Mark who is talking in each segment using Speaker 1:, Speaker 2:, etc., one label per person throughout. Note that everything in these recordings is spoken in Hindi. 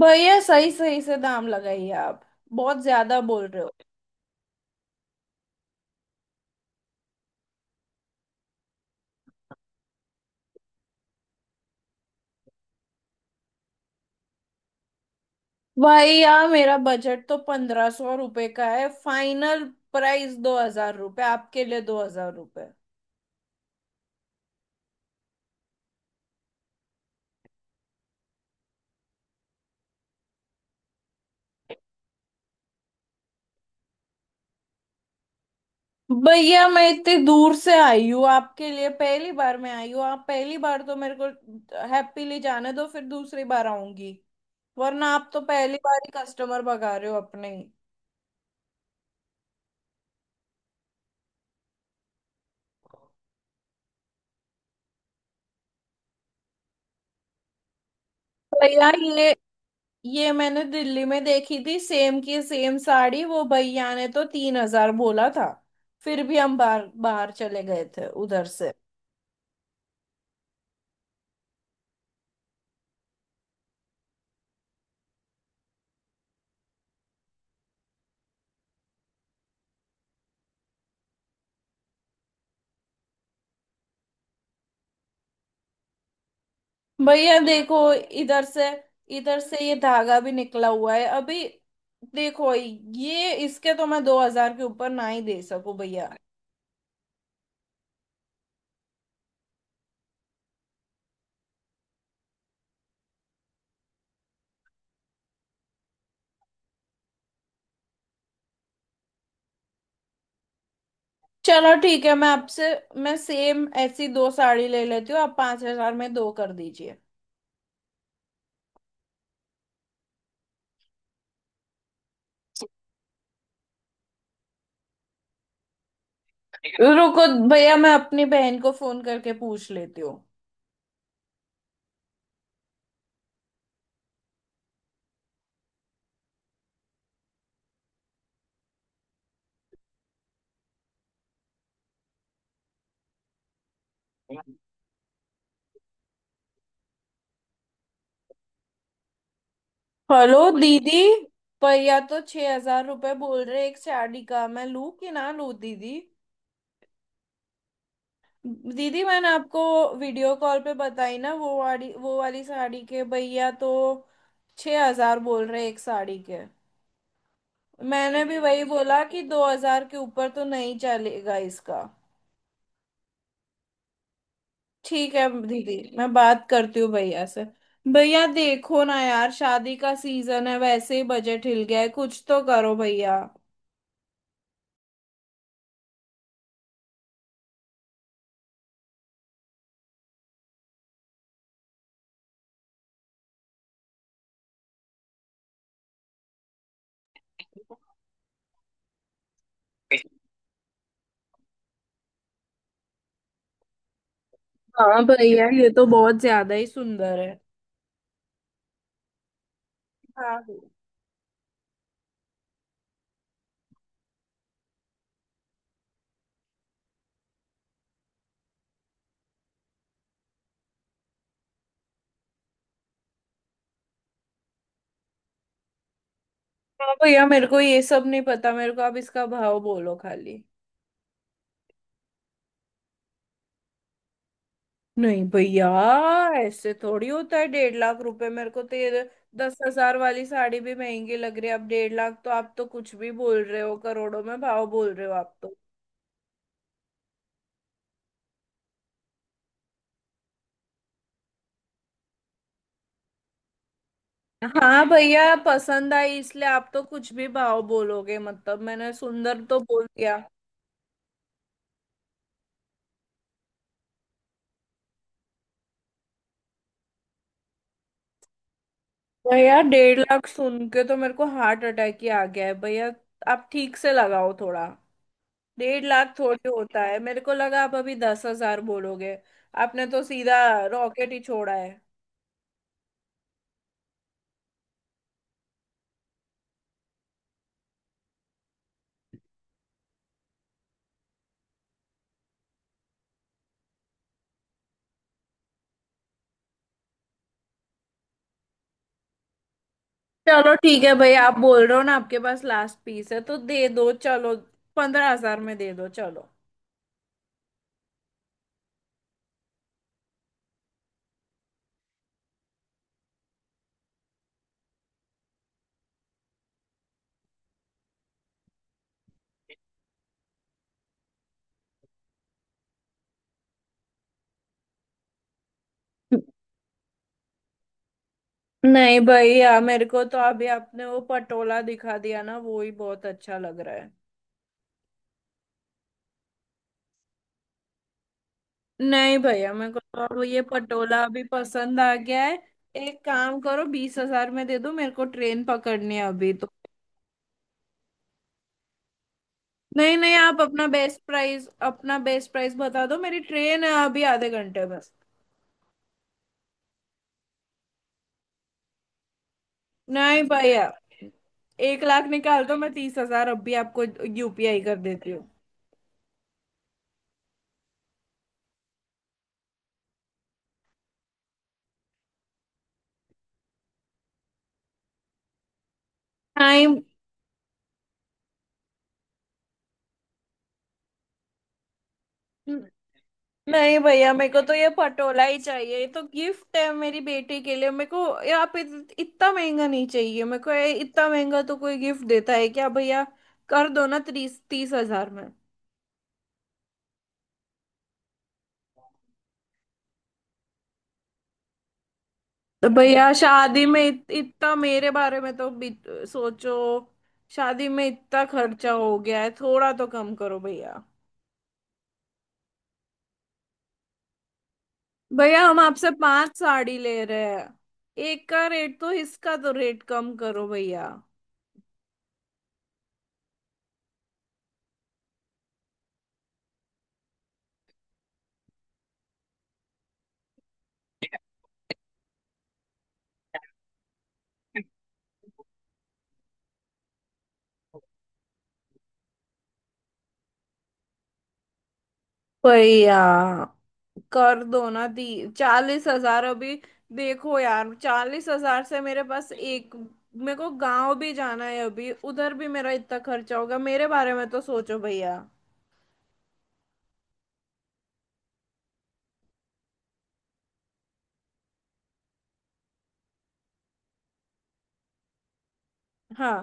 Speaker 1: भैया, सही सही से दाम लगाइए। आप बहुत ज्यादा बोल रहे हो। भैया, मेरा बजट तो 1500 रुपये का है। फाइनल प्राइस 2000 रुपये, आपके लिए 2000 रुपये। भैया, मैं इतनी दूर से आई हूँ। आपके लिए पहली बार मैं आई हूँ, आप पहली बार तो मेरे को हैप्पीली जाने दो, फिर दूसरी बार आऊंगी। वरना आप तो पहली बार ही कस्टमर भगा रहे हो, अपने ही। भैया ये मैंने दिल्ली में देखी थी, सेम की सेम साड़ी, वो भैया ने तो 3000 बोला था। फिर भी हम बाहर बाहर चले गए थे उधर से। भैया देखो, इधर से, इधर से ये धागा भी निकला हुआ है अभी। देखो, ये इसके तो मैं 2000 के ऊपर ना ही दे सकूं भैया। चलो ठीक है, मैं सेम ऐसी दो साड़ी ले लेती हूँ, आप 5000 में दो कर दीजिए। रुको भैया, मैं अपनी बहन को फोन करके पूछ लेती हूँ। हेलो दीदी, भैया तो 6000 रुपये बोल रहे एक साड़ी का। मैं लूं कि ना लूं दीदी? दीदी, मैंने आपको वीडियो कॉल पे बताई ना, वो वाली साड़ी के भैया तो छह हजार बोल रहे एक साड़ी के। मैंने भी वही बोला कि 2000 के ऊपर तो नहीं चलेगा इसका। ठीक है दीदी, मैं बात करती हूँ भैया से। भैया देखो ना यार, शादी का सीजन है, वैसे ही बजट हिल गया है, कुछ तो करो भैया। हाँ भैया, ये तो बहुत ज्यादा ही सुंदर है। हाँ भैया। हाँ भैया, मेरे को ये सब नहीं पता, मेरे को आप इसका भाव बोलो खाली। नहीं भैया, ऐसे थोड़ी होता है डेढ़ लाख रुपए। मेरे को तो ये 10,000 वाली साड़ी भी महंगी लग रही है, अब डेढ़ लाख तो आप तो कुछ भी बोल रहे हो, करोड़ों में भाव बोल रहे हो आप तो। हाँ भैया, पसंद आई इसलिए आप तो कुछ भी भाव बोलोगे, मतलब मैंने सुंदर तो बोल दिया। भैया, डेढ़ लाख सुन के तो मेरे को हार्ट अटैक ही आ गया है भैया। आप ठीक से लगाओ थोड़ा। डेढ़ लाख थोड़ी होता है, मेरे को लगा आप अभी 10,000 बोलोगे। आपने तो सीधा रॉकेट ही छोड़ा है। चलो ठीक है भैया, आप बोल रहे हो ना आपके पास लास्ट पीस है तो दे दो चलो, 15,000 में दे दो चलो। नहीं भैया, मेरे को तो अभी आपने वो पटोला दिखा दिया ना, वो ही बहुत अच्छा लग रहा है। नहीं भैया, मेरे को तो अब ये पटोला अभी पसंद आ गया है। एक काम करो, 20,000 में दे दो, मेरे को ट्रेन पकड़नी है अभी तो। नहीं नहीं, आप अपना बेस्ट प्राइस, अपना बेस्ट प्राइस बता दो, मेरी ट्रेन है अभी आधे घंटे में। नहीं भैया, 1 लाख निकाल दो, मैं 30,000 अभी आपको यूपीआई कर देती हूँ। नहीं नहीं भैया, मेरे को तो ये पटोला ही चाहिए। ये तो गिफ्ट है मेरी बेटी के लिए। मेरे को ये आप इतना महंगा नहीं चाहिए, मेरे को ये इतना महंगा तो कोई गिफ्ट देता है क्या भैया? कर दो ना, तीस तीस हजार में। तो भैया, शादी में इतना, मेरे बारे में तो सोचो। शादी में इतना खर्चा हो गया है, थोड़ा तो कम करो भैया। भैया, हम आपसे पांच साड़ी ले रहे हैं, एक का रेट, तो इसका तो रेट कम करो भैया। वही यार, कर दो ना दी, 40,000 अभी। देखो यार, 40,000 से मेरे पास एक, मेरे को गांव भी जाना है अभी, उधर भी मेरा इतना खर्चा होगा, मेरे बारे में तो सोचो भैया। हाँ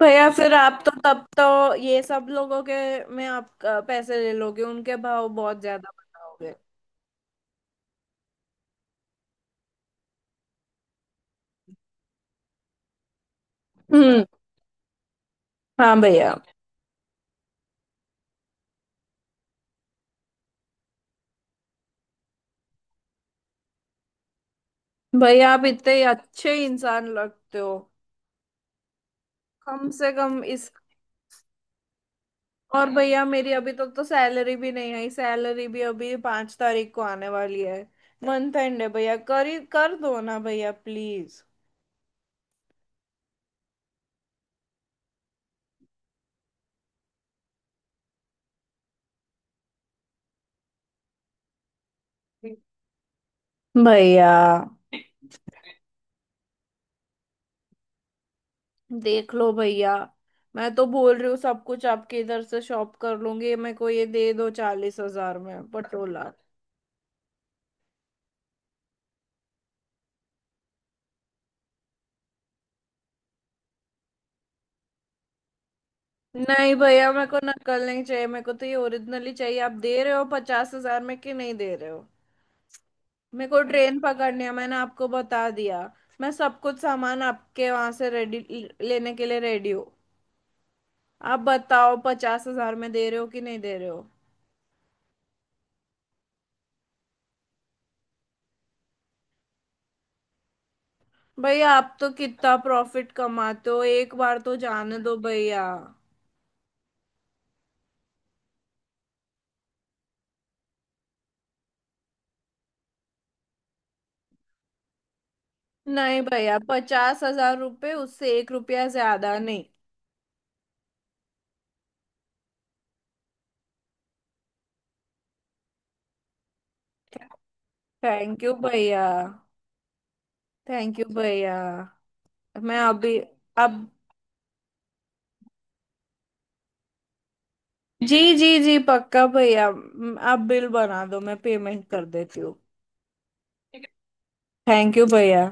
Speaker 1: भैया, फिर आप तो, तब तो ये सब लोगों के में आप पैसे ले लोगे, उनके भाव बहुत ज्यादा बताओगे। हम्म। हाँ भैया। भैया, आप इतने अच्छे इंसान लगते हो। कम से कम इस। और भैया, मेरी अभी तक तो सैलरी भी नहीं आई, सैलरी भी अभी 5 तारीख को आने वाली है। मंथ एंड है भैया, कर ही कर दो ना भैया प्लीज। भैया, देख लो भैया। मैं तो बोल रही हूँ सब कुछ आपके इधर से शॉप कर लूंगी, मेरे को ये दे दो 40,000 में पटोला। नहीं भैया, मेरे को नकल नहीं चाहिए, मेरे को तो ये ओरिजिनली चाहिए। आप दे रहे हो 50,000 में कि नहीं दे रहे हो? मेरे को ट्रेन पकड़नी है मैंने आपको बता दिया। मैं सब कुछ सामान आपके वहां से रेडी, लेने के लिए रेडी हूँ। आप बताओ 50,000 में दे रहे हो कि नहीं दे रहे हो? भैया, आप तो कितना प्रॉफिट कमाते हो? एक बार तो जाने दो भैया। नहीं भैया, 50,000 रुपये, उससे 1 रुपया ज्यादा नहीं। थैंक यू भैया। थैंक यू भैया। मैं अभी, अब, जी जी जी पक्का भैया, आप बिल बना दो, मैं पेमेंट कर देती हूँ। थैंक यू भैया।